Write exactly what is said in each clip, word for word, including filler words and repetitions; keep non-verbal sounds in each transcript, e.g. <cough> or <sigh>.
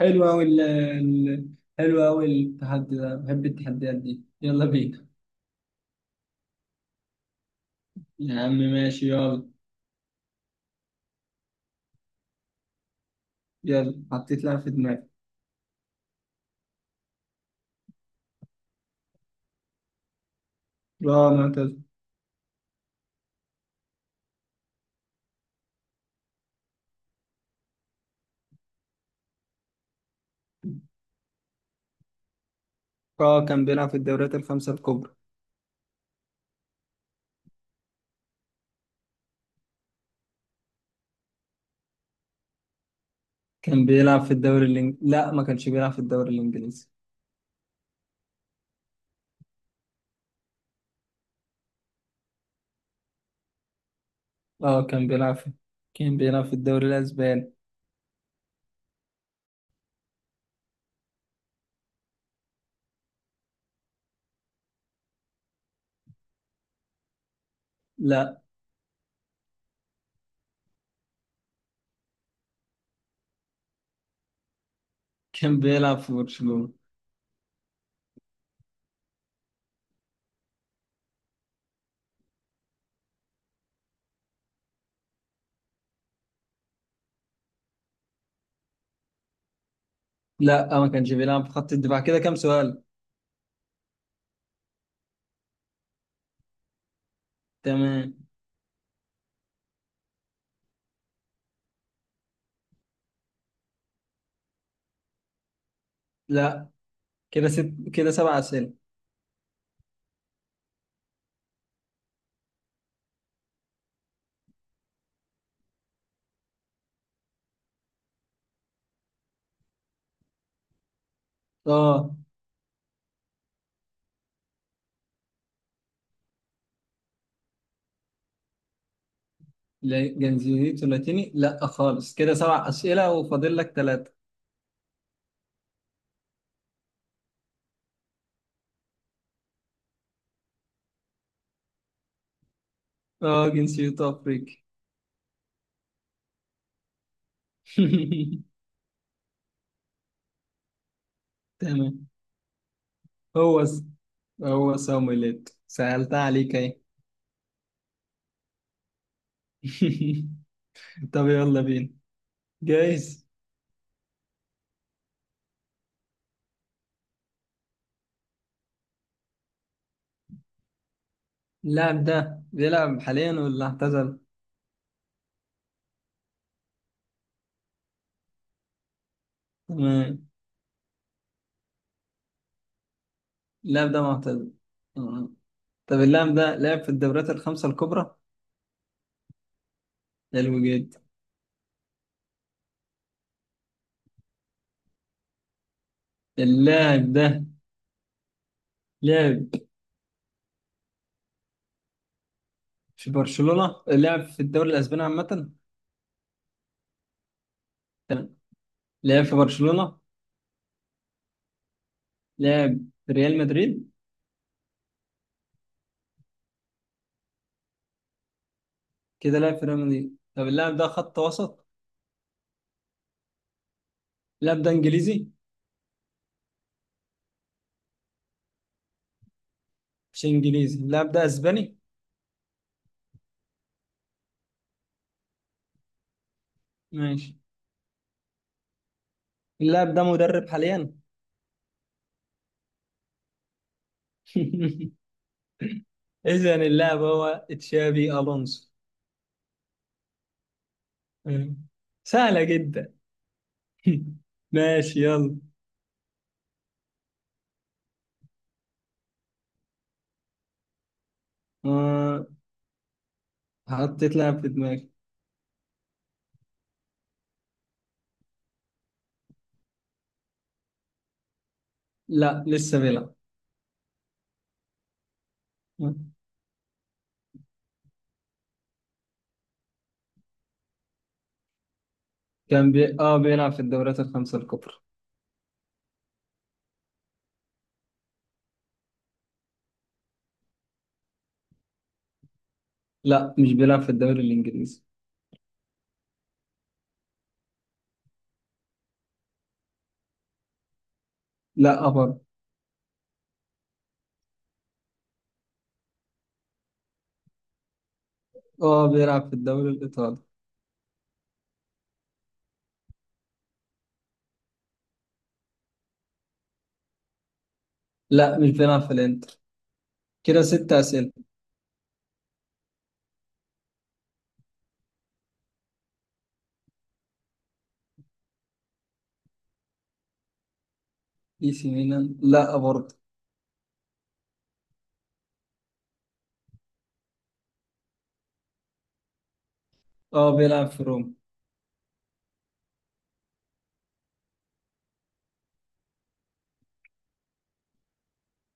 حلو أوي ال ال- حلو أوي التحدي ده، بحب التحديات دي، يلا بينا. يا عم ماشي يلا. يلا حطيت لاعب في دماغي. اه معتز اه كان بيلعب في الدوريات الخمسة الكبرى. كان بيلعب في الدوري الإنجليزي، لا ما كانش بيلعب في الدوري الإنجليزي. اه كان بيلعب في كان بيلعب في الدوري الأسباني. لا. كان بيلعب في برشلونة. لا آه، ما كانش بيلعب في خط الدفاع. كده كام سؤال؟ تمام. لا. كده ست، كده سبع أسئلة. اه. ل- جنسيته لاتيني؟ لا خالص، كده سبع أسئلة وفاضل لك ثلاثة. اه جنسيته أفريقي. <laughs> تمام. هو س... هو سامويليت سهلتها عليك اهي. <laughs> طب يلا بينا. جايز. اللاعب ده بيلعب حاليا ولا اعتزل؟ تمام. اللاعب ده معتزل. تمام. طب اللاعب ده لعب في الدوريات الخمسة الكبرى؟ حلو جدا. اللاعب ده لعب في برشلونة، لعب في الدوري الأسباني عامة؟ تمام. لعب في برشلونة. لعب في ريال مدريد. كده لعب في ريال مدريد. طب اللاعب ده خط وسط. اللاعب ده انجليزي؟ مش انجليزي. اللاعب ده اسباني. ماشي. اللاعب ده مدرب حاليا؟ <laughs> اذا اللاعب هو تشابي الونسو. مم. سهلة جدا. <laughs> ماشي يلا. آه حطيت لاعب في دماغي. لا لسه بيلعب. مم. كان بي... اه بيلعب في الدوريات الخمسة الكبرى. لا مش بيلعب في الدوري الانجليزي. لا برضه. اه بيلعب في الدوري الايطالي. لا مش بيلعب في الانتر. كده ست أسئلة. اي سي ميلان؟ لا برضه. اه بيلعب في روما.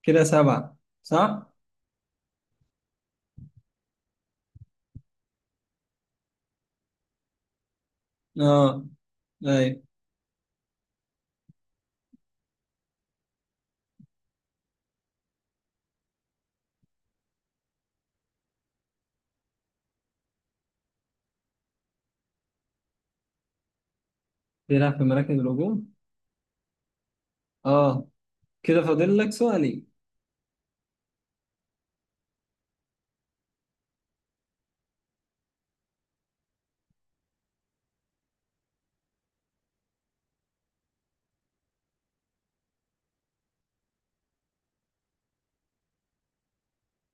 كده سبعة، صح؟ اه. ايوه بيلعب في مراكز الهجوم، اه. كده فاضل لك سؤالي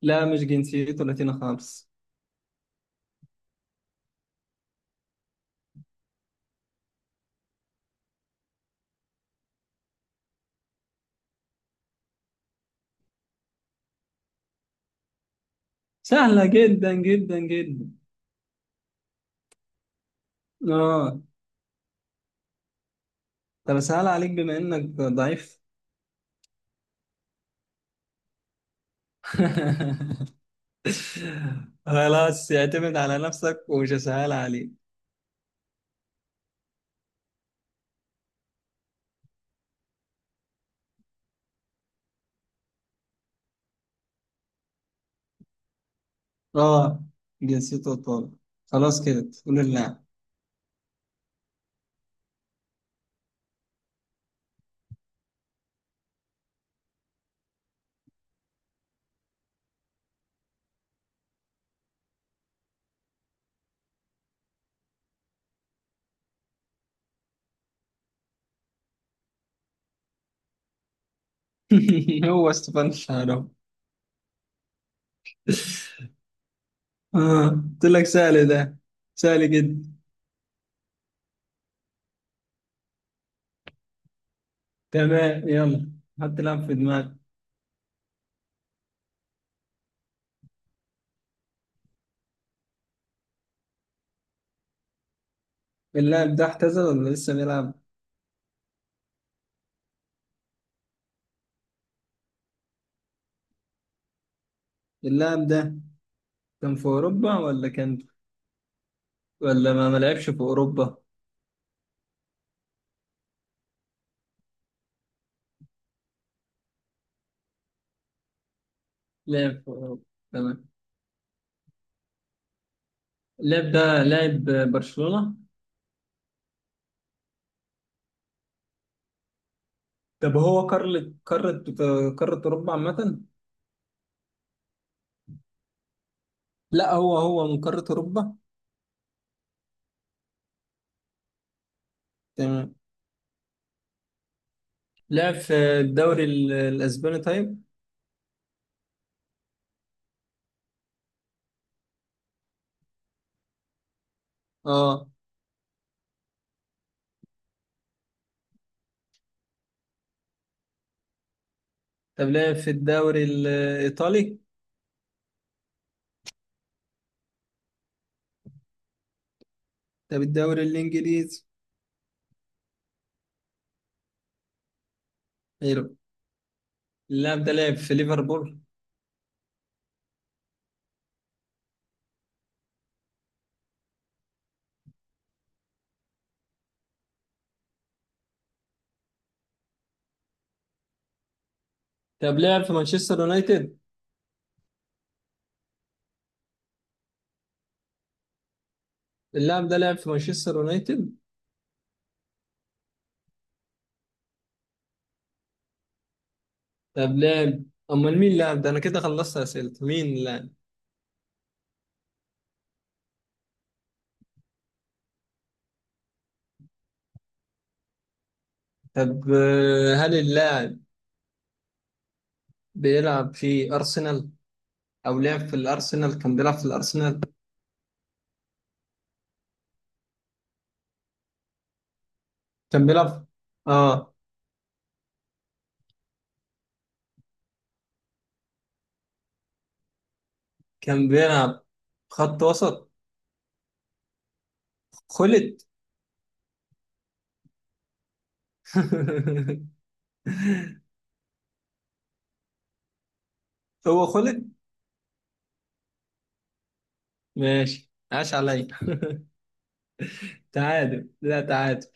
لا مش جنسيته لاتينا خالص. سهلة جدا جدا جدا. اه. طب سهل عليك بما انك ضعيف. <laughs> خلاص اعتمد على نفسك ومش هسهل عليك. اه جنسيته ايطالي. خلاص كده تقول اللاعب. <laughs> هو ستيفان شارو آه، قلت لك سهل ده. سهل جدا. تمام يلا. حط لاعب في دماغك. اللاعب ده اعتزل ولا لسه بيلعب؟ اللاعب ده كان في أوروبا، ولا كان، ولا ما ما لعبش في أوروبا؟ لعب في أوروبا. تمام. اللاعب ده لاعب برشلونة؟ طب هو قارة قارة قارة أوروبا عامة؟ لا هو هو من قارة أوروبا. تمام. لعب في الدوري ال- الأسباني طيب؟ اه. طب لعب في الدوري الإيطالي؟ طب الدوري الإنجليزي. حلو. اللاعب ده لعب في ليفربول؟ طب لعب في مانشستر يونايتد. اللاعب ده لعب في مانشستر يونايتد. طب لعب، امال مين اللاعب ده؟ انا كده خلصت اسئلتي. مين اللاعب؟ طب آه، هل اللاعب بيلعب في ارسنال، او لعب في الارسنال، كان بيلعب في الارسنال؟ كان بيلعب، اه. كان بيلعب خط وسط. خلت. <laughs> هو خلت. ماشي عاش عليا. تعادل، لا تعادل.